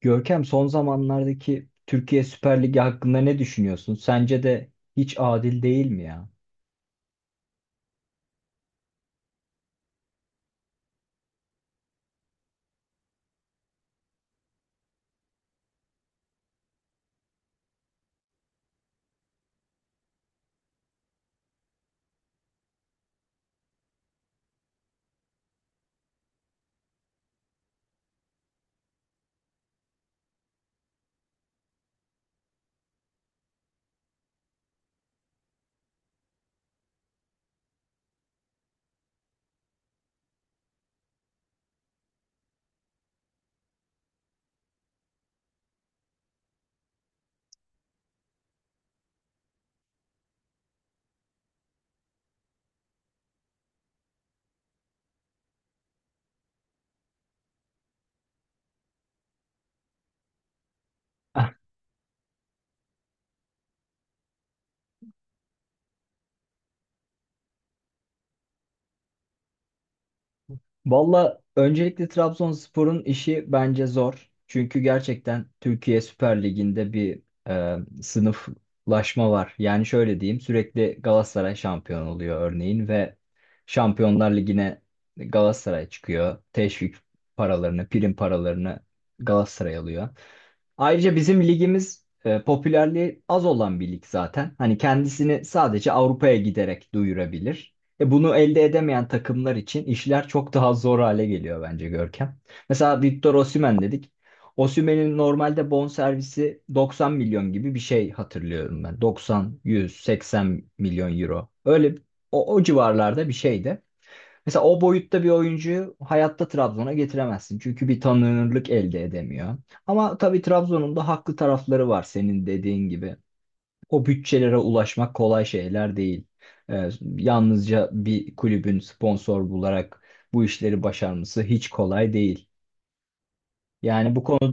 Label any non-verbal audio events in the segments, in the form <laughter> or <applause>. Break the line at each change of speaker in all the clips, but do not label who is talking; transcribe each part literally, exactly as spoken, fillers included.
Görkem son zamanlardaki Türkiye Süper Ligi hakkında ne düşünüyorsun? Sence de hiç adil değil mi ya? <laughs> Valla öncelikle Trabzonspor'un işi bence zor. Çünkü gerçekten Türkiye Süper Ligi'nde bir e, sınıflaşma var. Yani şöyle diyeyim, sürekli Galatasaray şampiyon oluyor örneğin ve Şampiyonlar Ligi'ne Galatasaray çıkıyor. Teşvik paralarını, prim paralarını Galatasaray alıyor. Ayrıca bizim ligimiz e, popülerliği az olan bir lig zaten. Hani kendisini sadece Avrupa'ya giderek duyurabilir. E, bunu elde edemeyen takımlar için işler çok daha zor hale geliyor bence Görkem. Mesela Victor Osimhen dedik. Osimhen'in normalde bonservisi doksan milyon gibi bir şey hatırlıyorum ben. doksan, yüz, seksen milyon euro. Öyle o, o civarlarda bir şeydi. Mesela o boyutta bir oyuncuyu hayatta Trabzon'a getiremezsin. Çünkü bir tanınırlık elde edemiyor. Ama tabii Trabzon'un da haklı tarafları var, senin dediğin gibi. O bütçelere ulaşmak kolay şeyler değil. Ee, Yalnızca bir kulübün sponsor bularak bu işleri başarması hiç kolay değil. Yani bu konuda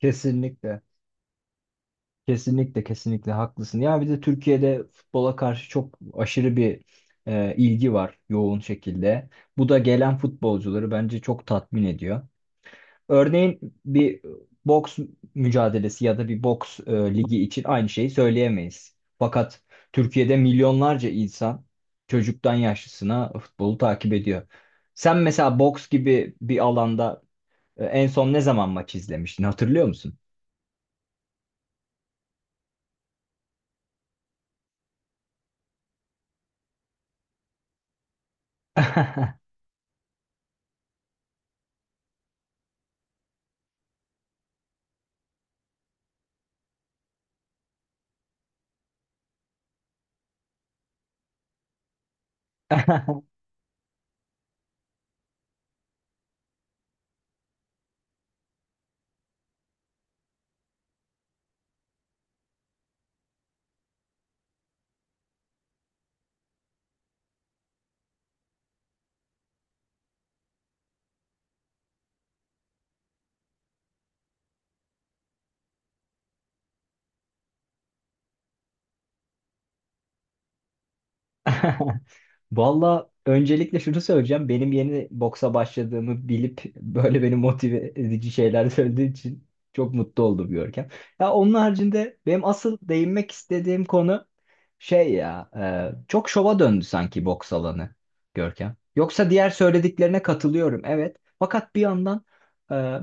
kesinlikle, kesinlikle, kesinlikle haklısın. Ya bir de Türkiye'de futbola karşı çok aşırı bir e, ilgi var, yoğun şekilde. Bu da gelen futbolcuları bence çok tatmin ediyor. Örneğin bir boks mücadelesi ya da bir boks e, ligi için aynı şeyi söyleyemeyiz. Fakat Türkiye'de milyonlarca insan, çocuktan yaşlısına, futbolu takip ediyor. Sen mesela boks gibi bir alanda e, en son ne zaman maç izlemiştin, hatırlıyor musun? <laughs> Valla öncelikle şunu söyleyeceğim. Benim yeni boksa başladığımı bilip böyle beni motive edici şeyler <laughs> söylediği için çok mutlu oldum Görkem. Ya onun haricinde benim asıl değinmek istediğim konu şey ya, e, çok şova döndü sanki boks alanı Görkem. Yoksa diğer söylediklerine katılıyorum, evet. Fakat bir yandan e,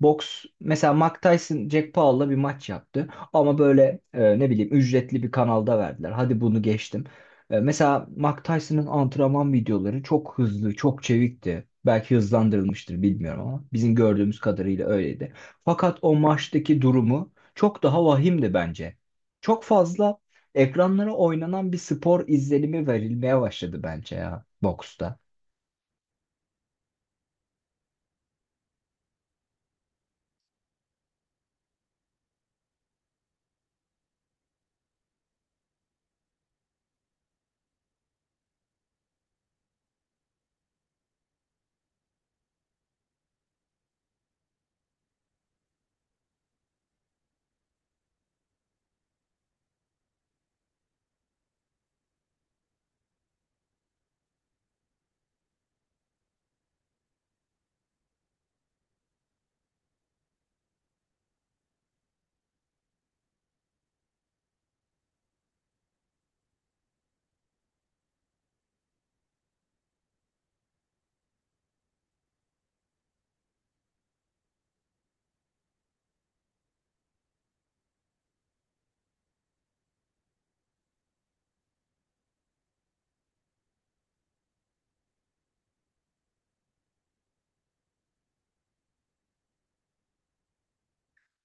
boks, mesela Mike Tyson Jack Paul'la bir maç yaptı ama böyle e, ne bileyim, ücretli bir kanalda verdiler. Hadi bunu geçtim. E, mesela Mike Tyson'ın antrenman videoları çok hızlı, çok çevikti. Belki hızlandırılmıştır bilmiyorum ama bizim gördüğümüz kadarıyla öyleydi. Fakat o maçtaki durumu çok daha vahimdi bence. Çok fazla ekranlara oynanan bir spor izlenimi verilmeye başladı bence ya, boksta.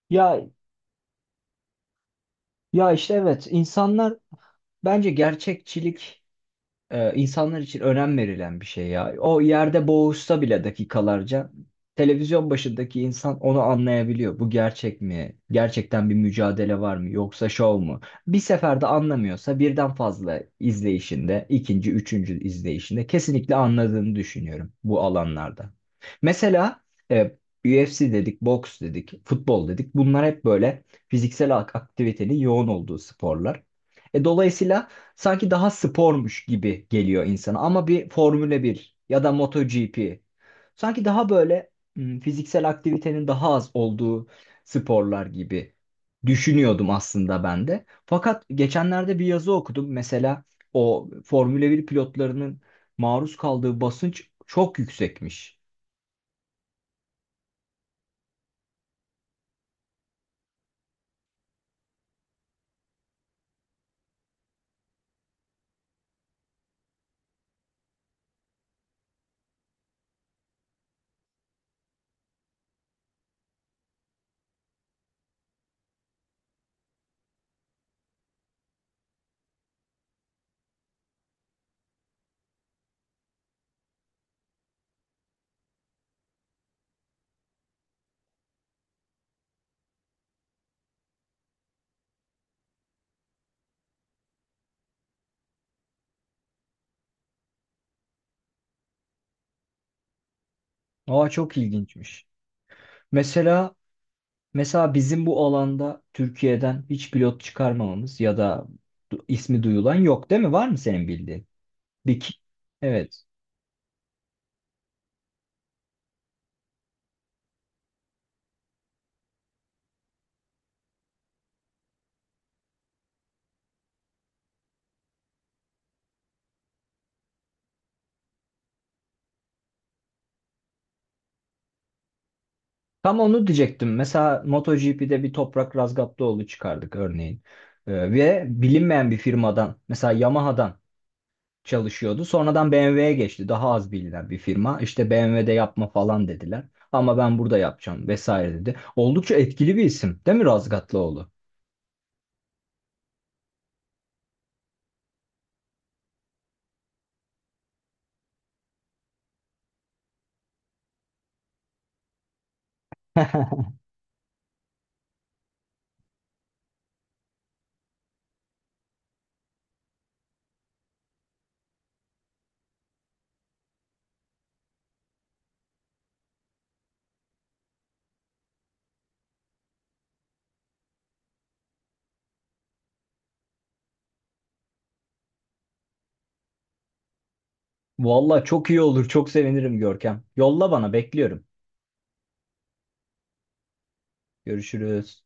Ya ya işte evet, insanlar bence gerçekçilik, e, insanlar için önem verilen bir şey ya. O yerde boğuşsa bile dakikalarca televizyon başındaki insan onu anlayabiliyor. Bu gerçek mi? Gerçekten bir mücadele var mı? Yoksa şov mu? Bir seferde anlamıyorsa birden fazla izleyişinde, ikinci, üçüncü izleyişinde kesinlikle anladığını düşünüyorum bu alanlarda. Mesela e, U F C dedik, boks dedik, futbol dedik. Bunlar hep böyle fiziksel ak- aktivitenin yoğun olduğu sporlar. E, dolayısıyla sanki daha spormuş gibi geliyor insana ama bir Formula bir ya da MotoGP sanki daha böyle, hmm, fiziksel aktivitenin daha az olduğu sporlar gibi düşünüyordum aslında ben de. Fakat geçenlerde bir yazı okudum. Mesela o Formula bir pilotlarının maruz kaldığı basınç çok yüksekmiş. Aa, çok ilginçmiş. Mesela Mesela bizim bu alanda Türkiye'den hiç pilot çıkarmamamız ya da du- ismi duyulan yok, değil mi? Var mı senin bildiğin? Bir ki- Evet. Tam onu diyecektim. Mesela MotoGP'de bir Toprak Razgatlıoğlu çıkardık örneğin. Ee, ve bilinmeyen bir firmadan, mesela Yamaha'dan çalışıyordu. Sonradan B M W'ye geçti. Daha az bilinen bir firma. İşte B M W'de yapma falan dediler. Ama ben burada yapacağım vesaire dedi. Oldukça etkili bir isim değil mi Razgatlıoğlu? Vallahi çok iyi olur. Çok sevinirim Görkem. Yolla, bana bekliyorum. Görüşürüz.